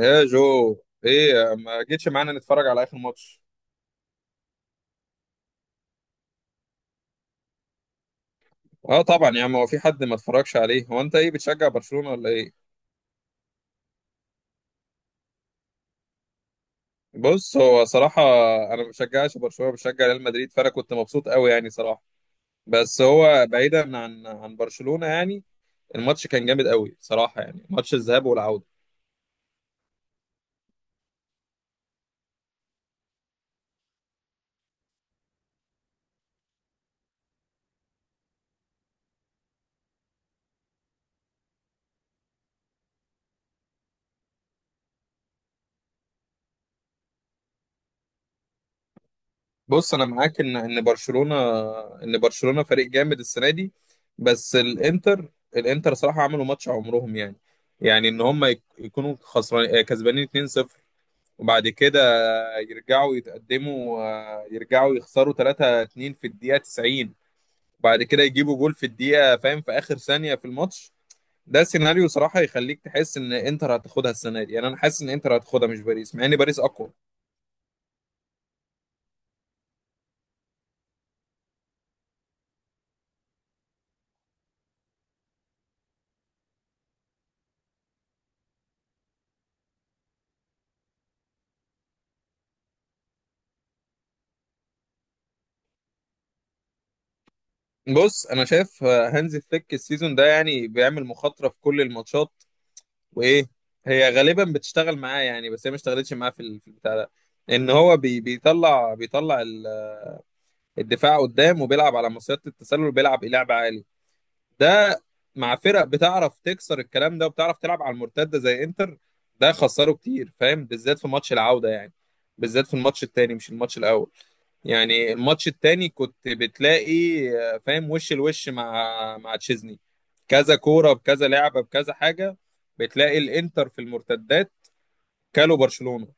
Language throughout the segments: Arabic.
يا جو، ايه ما جيتش معانا نتفرج على اخر ماتش؟ اه طبعا يا عم، هو في حد ما اتفرجش عليه؟ هو انت ايه بتشجع برشلونة ولا ايه؟ بص، هو صراحة انا ما بشجعش برشلونة، بشجع ريال مدريد، فانا كنت مبسوط قوي يعني صراحة. بس هو بعيدا عن برشلونة يعني، الماتش كان جامد قوي صراحة يعني، ماتش الذهاب والعودة. بص انا معاك ان برشلونه فريق جامد السنه دي. بس الانتر صراحه عملوا ماتش عمرهم يعني، يعني ان هم يك- يكونوا خسران آه، كسبانين 2-0، وبعد كده يرجعوا يتقدموا آه، يرجعوا يخسروا 3-2 في الدقيقه 90، وبعد كده يجيبوا جول في الدقيقه فاهم، في اخر ثانيه في الماتش. ده سيناريو صراحه يخليك تحس ان انتر هتاخدها السنه دي، يعني انا حاسس ان انتر هتاخدها مش باريس، مع ان باريس اقوى. بص انا شايف هانزي فليك السيزون ده يعني بيعمل مخاطره في كل الماتشات، وايه، هي غالبا بتشتغل معاه يعني، بس هي ما اشتغلتش معاه في البتاع ده. ان هو بي بيطلع بيطلع ال- الدفاع قدام، وبيلعب على مصيدة التسلل، وبيلعب إيه، لعب عالي ده مع فرق بتعرف تكسر الكلام ده وبتعرف تلعب على المرتده زي انتر. ده خسره كتير فاهم، بالذات في ماتش العوده يعني، بالذات في الماتش التاني مش الماتش الاول. يعني الماتش التاني كنت بتلاقي فاهم وش الوش مع تشيزني، كذا كوره بكذا لعبه بكذا حاجه، بتلاقي الانتر في المرتدات كالو برشلونة.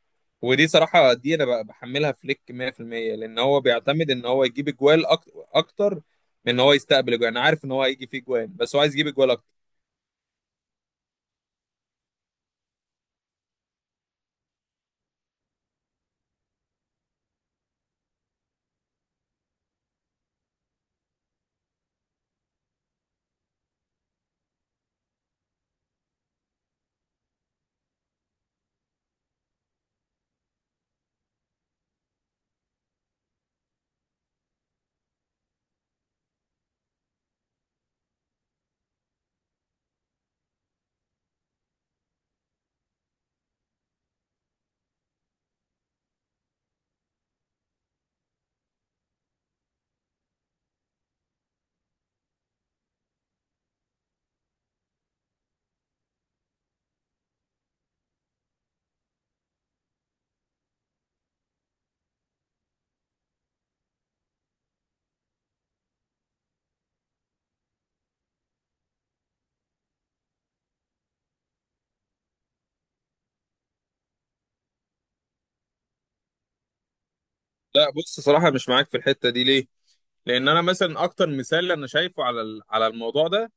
ودي صراحة دي انا بقى بحملها فليك 100%، لان هو بيعتمد ان هو يجيب اجوال اكتر من ان هو يستقبل اجوال. انا عارف ان هو هيجي فيه اجوال، بس هو عايز يجيب اجوال اكتر. لا بص، صراحة مش معاك في الحتة دي، ليه؟ لان انا مثلا اكتر مثال انا شايفه على الموضوع ده،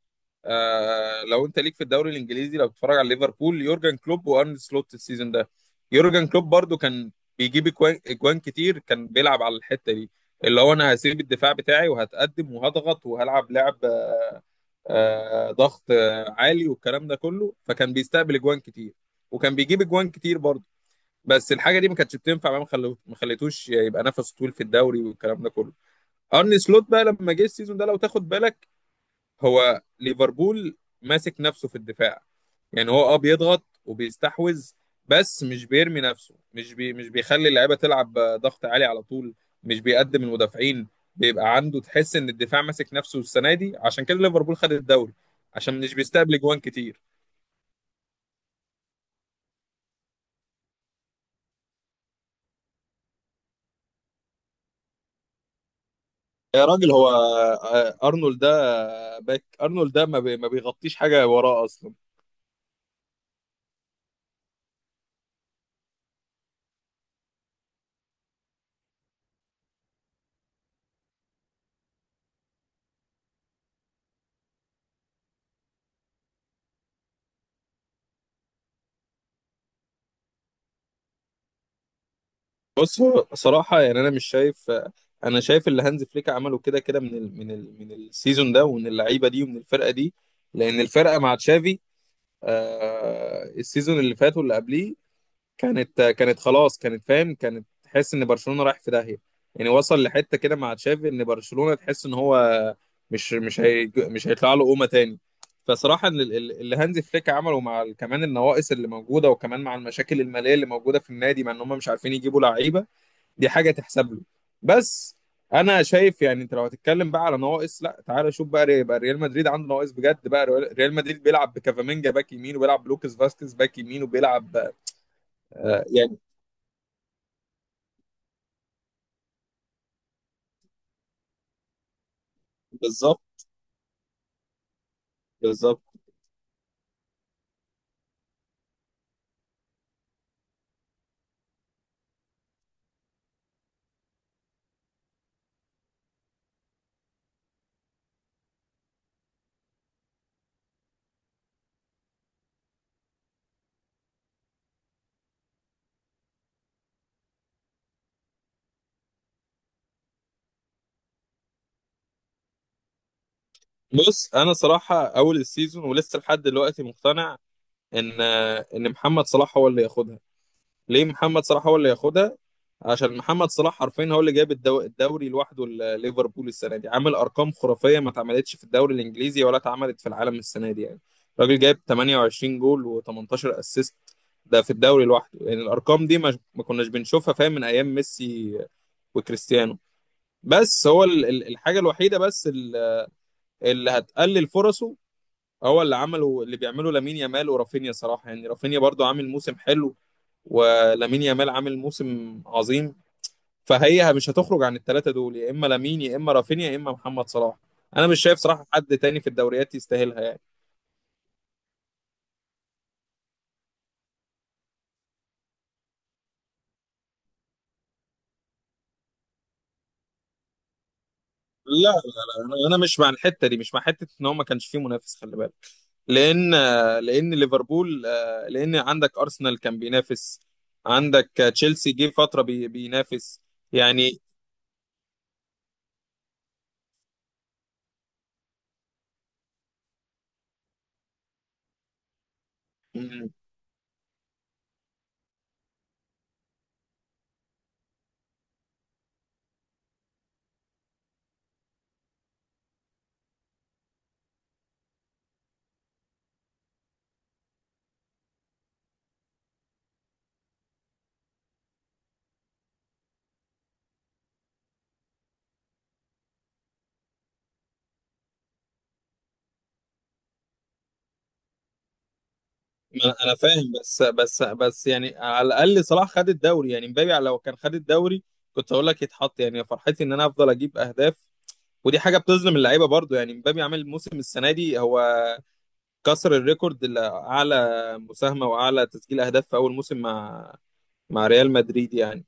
آه، لو انت ليك في الدوري الانجليزي، لو بتتفرج على ليفربول، يورجن كلوب وارن سلوت السيزون ده. يورجن كلوب برضو كان بيجيب أجوان كتير، كان بيلعب على الحتة دي، اللي هو انا هسيب الدفاع بتاعي وهتقدم وهضغط وهلعب لعب ضغط عالي والكلام ده كله، فكان بيستقبل اجوان كتير وكان بيجيب اجوان كتير برضه. بس الحاجه دي ما كانتش بتنفع بقى، ما خليتوش يبقى نفسه طويل في الدوري والكلام ده كله. ارني سلوت بقى لما جه السيزون ده، لو تاخد بالك، هو ليفربول ماسك نفسه في الدفاع، يعني هو اه بيضغط وبيستحوذ، بس مش بيرمي نفسه، مش بيخلي اللعيبه تلعب ضغط عالي على طول، مش بيقدم المدافعين، بيبقى عنده تحس ان الدفاع ماسك نفسه السنه دي، عشان كده ليفربول خد الدوري، عشان مش بيستقبل جوان كتير. يا راجل، هو ارنولد ده باك، ارنولد ده ما بيغطيش حاجه وراه اصلا. بص هو صراحة يعني أنا مش شايف، أنا شايف اللي هانز فليك عمله كده كده، من السيزون ده ومن اللعيبة دي ومن الفرقة دي، لأن الفرقة مع تشافي السيزون اللي فات واللي قبليه كانت خلاص، كانت فاهم، كانت تحس إن برشلونة رايح في داهية. يعني وصل لحتة كده مع تشافي إن برشلونة تحس إن هو مش هيطلع له قومة تاني. فصراحة اللي هانز فليك عمله كمان النواقص اللي موجودة، وكمان مع المشاكل المالية اللي موجودة في النادي، مع إن هم مش عارفين يجيبوا لعيبة، دي حاجه تحسب له. بس انا شايف، يعني انت لو هتتكلم بقى على نواقص، لا تعالى شوف بقى، يبقى ريال مدريد عنده نواقص بجد بقى، ريال مدريد بيلعب بكافامينجا باك يمين، وبيلعب بلوكس فاسكيز باك يمين، وبيلعب آه يعني، بالظبط، بالظبط. بص، انا صراحه اول السيزون ولسه لحد دلوقتي مقتنع ان ان محمد صلاح هو اللي ياخدها. ليه محمد صلاح هو اللي ياخدها؟ عشان محمد صلاح حرفيا هو اللي جاب الدوري لوحده ليفربول السنه دي، عامل ارقام خرافيه ما اتعملتش في الدوري الانجليزي ولا اتعملت في العالم السنه دي يعني. الراجل جايب 28 جول و18 اسيست ده في الدوري لوحده، يعني الارقام دي ما كناش بنشوفها فاهم من ايام ميسي وكريستيانو. بس هو الحاجه الوحيده بس اللي هتقلل فرصه، هو اللي عمله اللي بيعمله لامين يامال ورافينيا صراحه، يعني رافينيا برضو عامل موسم حلو، ولامين يامال عامل موسم عظيم. فهي مش هتخرج عن الثلاثه دول، يا اما لامين، يا اما رافينيا، يا اما محمد صلاح. انا مش شايف صراحه حد تاني في الدوريات يستاهلها يعني. لا لا لا، انا مش مع الحته دي، مش مع حته ان هو ما كانش فيه منافس، خلي بالك، لان لان ليفربول آه، لان عندك ارسنال كان بينافس، عندك تشيلسي جه فتره بينافس يعني. ما انا فاهم، بس يعني على الاقل صلاح خد الدوري، يعني مبابي لو كان خد الدوري كنت اقول لك يتحط، يعني فرحتي ان انا افضل اجيب اهداف، ودي حاجه بتظلم اللعيبه برضو، يعني مبابي عامل موسم السنه دي، هو كسر الريكورد، اللي اعلى مساهمه واعلى تسجيل اهداف في اول موسم مع ريال مدريد يعني